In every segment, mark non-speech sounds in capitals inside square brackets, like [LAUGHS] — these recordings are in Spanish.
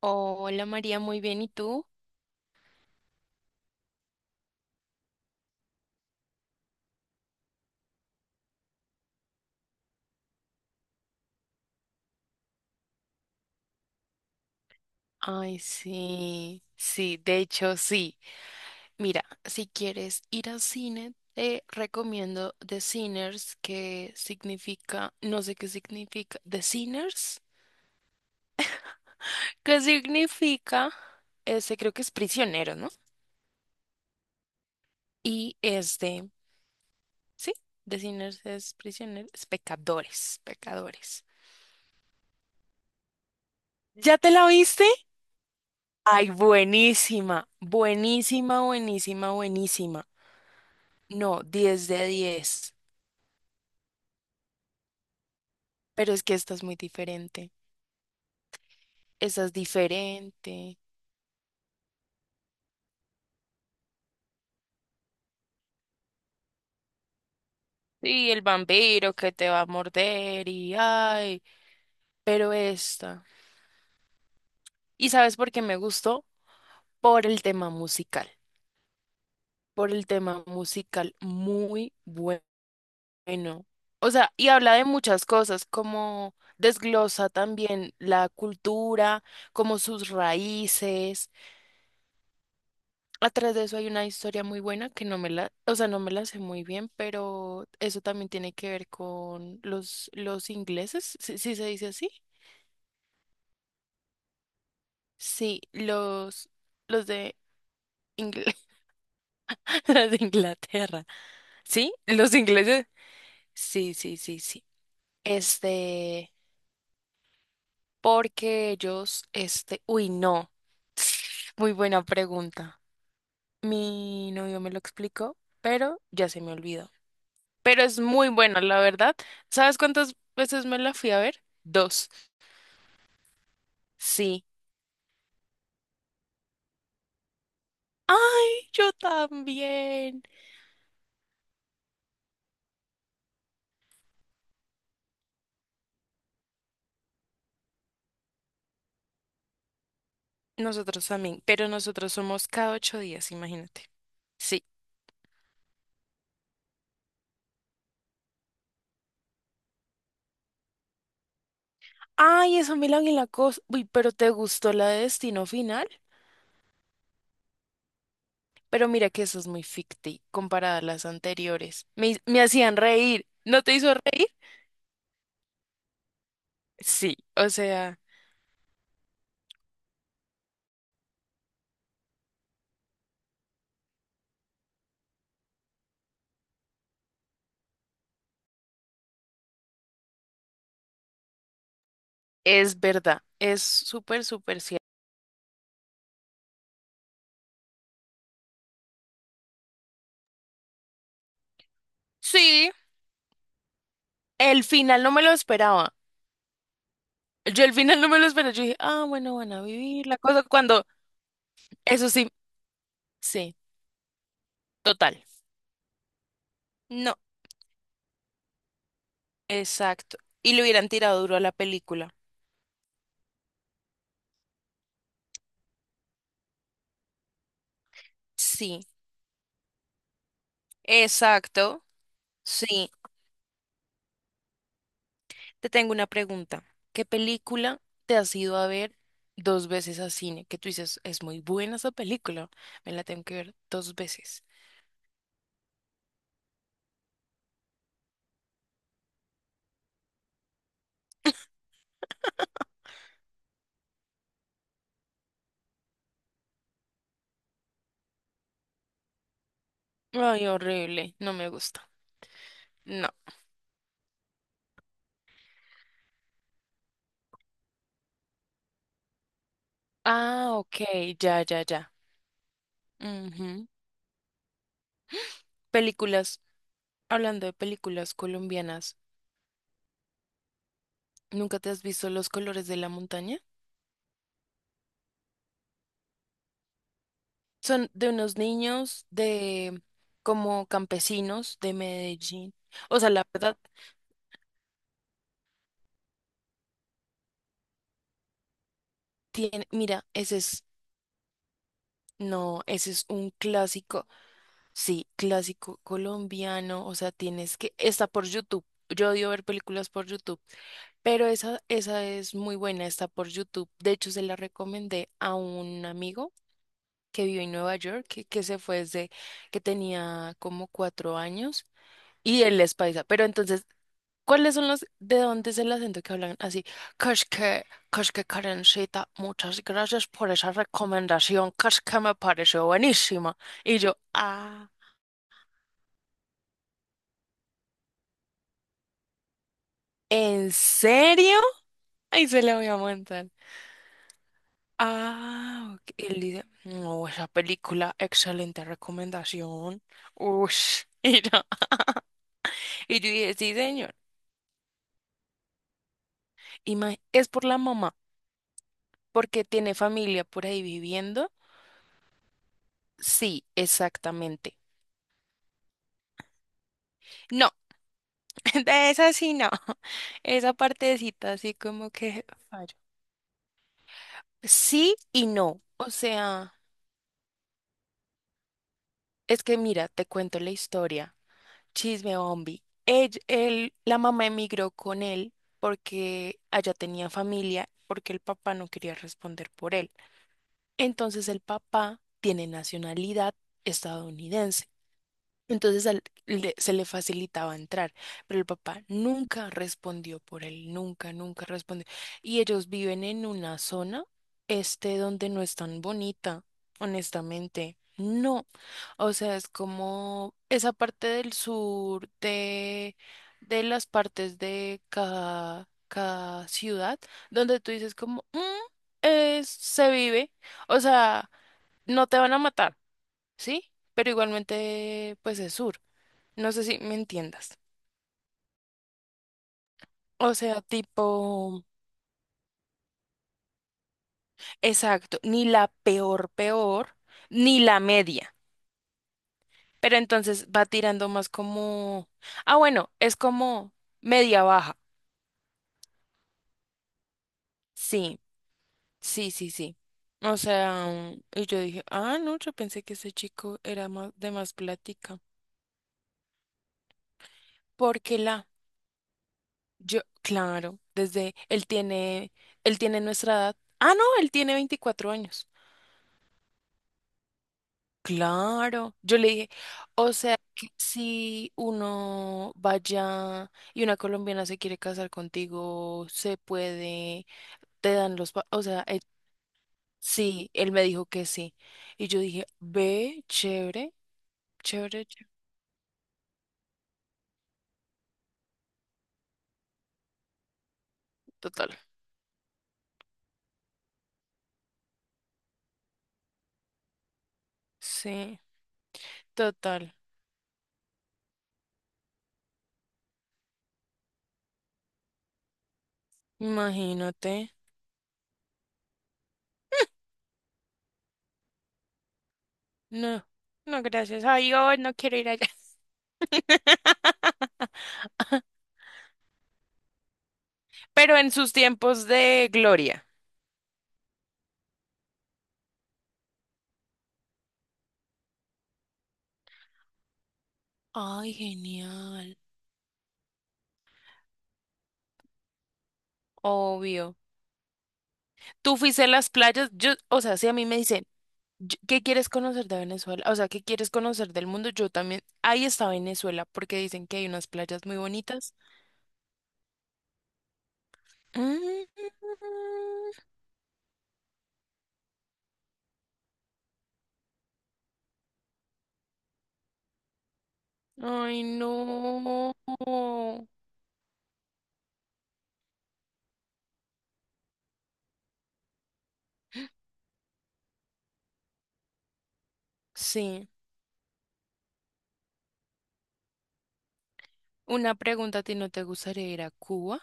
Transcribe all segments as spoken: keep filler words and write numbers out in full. Hola María, muy bien, ¿y tú? Ay, sí, sí, de hecho sí. Mira, si quieres ir al cine, te recomiendo The Sinners, que significa, no sé qué significa, The Sinners, que significa, ese creo que es prisionero, ¿no? Y es de, sí, The Sinners es prisionero, es pecadores, pecadores. ¿Ya te la viste? Ay, buenísima, buenísima, buenísima, buenísima. No, diez de diez. Pero es que esta es muy diferente. Esa es diferente. Y el vampiro que te va a morder y ay, pero esta. ¿Y sabes por qué me gustó? Por el tema musical. Por el tema musical muy bueno. O sea, y habla de muchas cosas, como desglosa también la cultura, como sus raíces. Atrás de eso hay una historia muy buena que no me la, o sea, no me la sé muy bien, pero eso también tiene que ver con los, los ingleses, si, si se dice así. Sí, los, los de, Ingl- [LAUGHS] los de Inglaterra. ¿Sí? Los ingleses. Sí, sí, sí, sí. Este, porque ellos, este, uy, no. [SNIFFS] Muy buena pregunta. Mi novio me lo explicó, pero ya se me olvidó. Pero es muy buena, la verdad. ¿Sabes cuántas veces me la fui a ver? Dos. Sí. Ay, yo también. Nosotros también, pero nosotros somos cada ocho días, imagínate. Sí. Ay, esa Milán y la cosa. Uy, pero ¿te gustó la de Destino Final? Pero mira que esa es muy ficti comparada a las anteriores. Me, hi- me hacían reír. ¿No te hizo reír? Sí, o sea, es verdad. Es súper, súper cierto. Sí, el final no me lo esperaba. Yo al final no me lo esperé. Yo dije, ah, bueno, van a vivir la cosa cuando. Eso sí, sí, total. No, exacto. Y le hubieran tirado duro a la película. Sí, exacto. Sí. Te tengo una pregunta. ¿Qué película te has ido a ver dos veces a cine? Que tú dices, es muy buena esa película. Me la tengo que ver dos veces. Ay, horrible. No me gusta. No. Ah, ok. Ya, ya, ya. Ujú. Películas. Hablando de películas colombianas. ¿Nunca te has visto los colores de la montaña? Son de unos niños de como campesinos de Medellín. O sea, la verdad tiene, mira, ese es, no, ese es un clásico, sí, clásico colombiano. O sea, tienes que, está por YouTube. Yo odio ver películas por YouTube, pero esa, esa es muy buena, está por YouTube. De hecho, se la recomendé a un amigo que vive en Nueva York, que, que se fue desde que tenía como cuatro años. Y él es paisa. Pero entonces, ¿cuáles son los, de dónde es el acento que hablan así? Kashke, Kashke Karencita, muchas gracias por esa recomendación. Kashke me pareció buenísima. Y yo, ah, ¿en serio? Ahí se la voy a montar. Ah, ok. Y él dice, no, esa película, excelente recomendación. Ush. [LAUGHS] Y yo, y yo dije, sí, señor. Ima- es por la mamá, porque tiene familia por ahí viviendo. Sí, exactamente. No. [LAUGHS] De esa sí no. [LAUGHS] Esa partecita así como que fallo. Sí y no, o sea, es que mira, te cuento la historia, chisme bombi. Ell- él- la mamá emigró con él porque allá tenía familia, porque el papá no quería responder por él. Entonces el papá tiene nacionalidad estadounidense. Entonces al- le- se le facilitaba entrar, pero el papá nunca respondió por él, nunca, nunca respondió. Y ellos viven en una zona, este, donde no es tan bonita, honestamente. No, o sea, es como esa parte del sur de, de, las partes de cada, cada ciudad, donde tú dices como, "Mm, es- se vive, o sea, no te van a matar, ¿sí? Pero igualmente, pues es sur. No sé si me entiendas. O sea, tipo, exacto, ni la peor, peor, ni la media. Pero entonces va tirando más como, ah, bueno, es como media baja. Sí, sí, sí, sí. O sea, y yo dije, ah, no, yo pensé que ese chico era más de más plática. Porque la, yo, claro, desde él tiene, él tiene nuestra edad. Ah, no, él tiene veinticuatro años. Claro, yo le dije, o sea, que si uno vaya y una colombiana se quiere casar contigo, se puede, te dan los, pa- o sea, eh, sí, él me dijo que sí. Y yo dije, ve, chévere, chévere, chévere, total. Sí, total, imagínate. No, no, gracias a Dios, no quiero ir allá. [LAUGHS] Pero en sus tiempos de gloria. Ay, genial. Obvio. Tú fuiste a las playas, yo, o sea, si a mí me dicen, "Yo- ¿qué quieres conocer de Venezuela? O sea, ¿qué quieres conocer del mundo? Yo también, ahí está Venezuela, porque dicen que hay unas playas muy bonitas. Mm. Ay, no. Sí, una pregunta a ti, ¿no te gustaría ir a Cuba?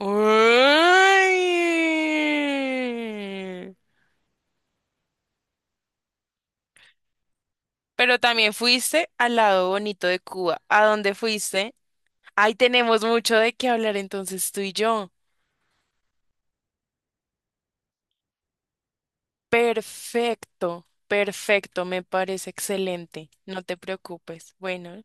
Ay. Pero también fuiste al lado bonito de Cuba. ¿A dónde fuiste? Ahí tenemos mucho de qué hablar entonces tú y yo. Perfecto, perfecto, me parece excelente. No te preocupes. Bueno.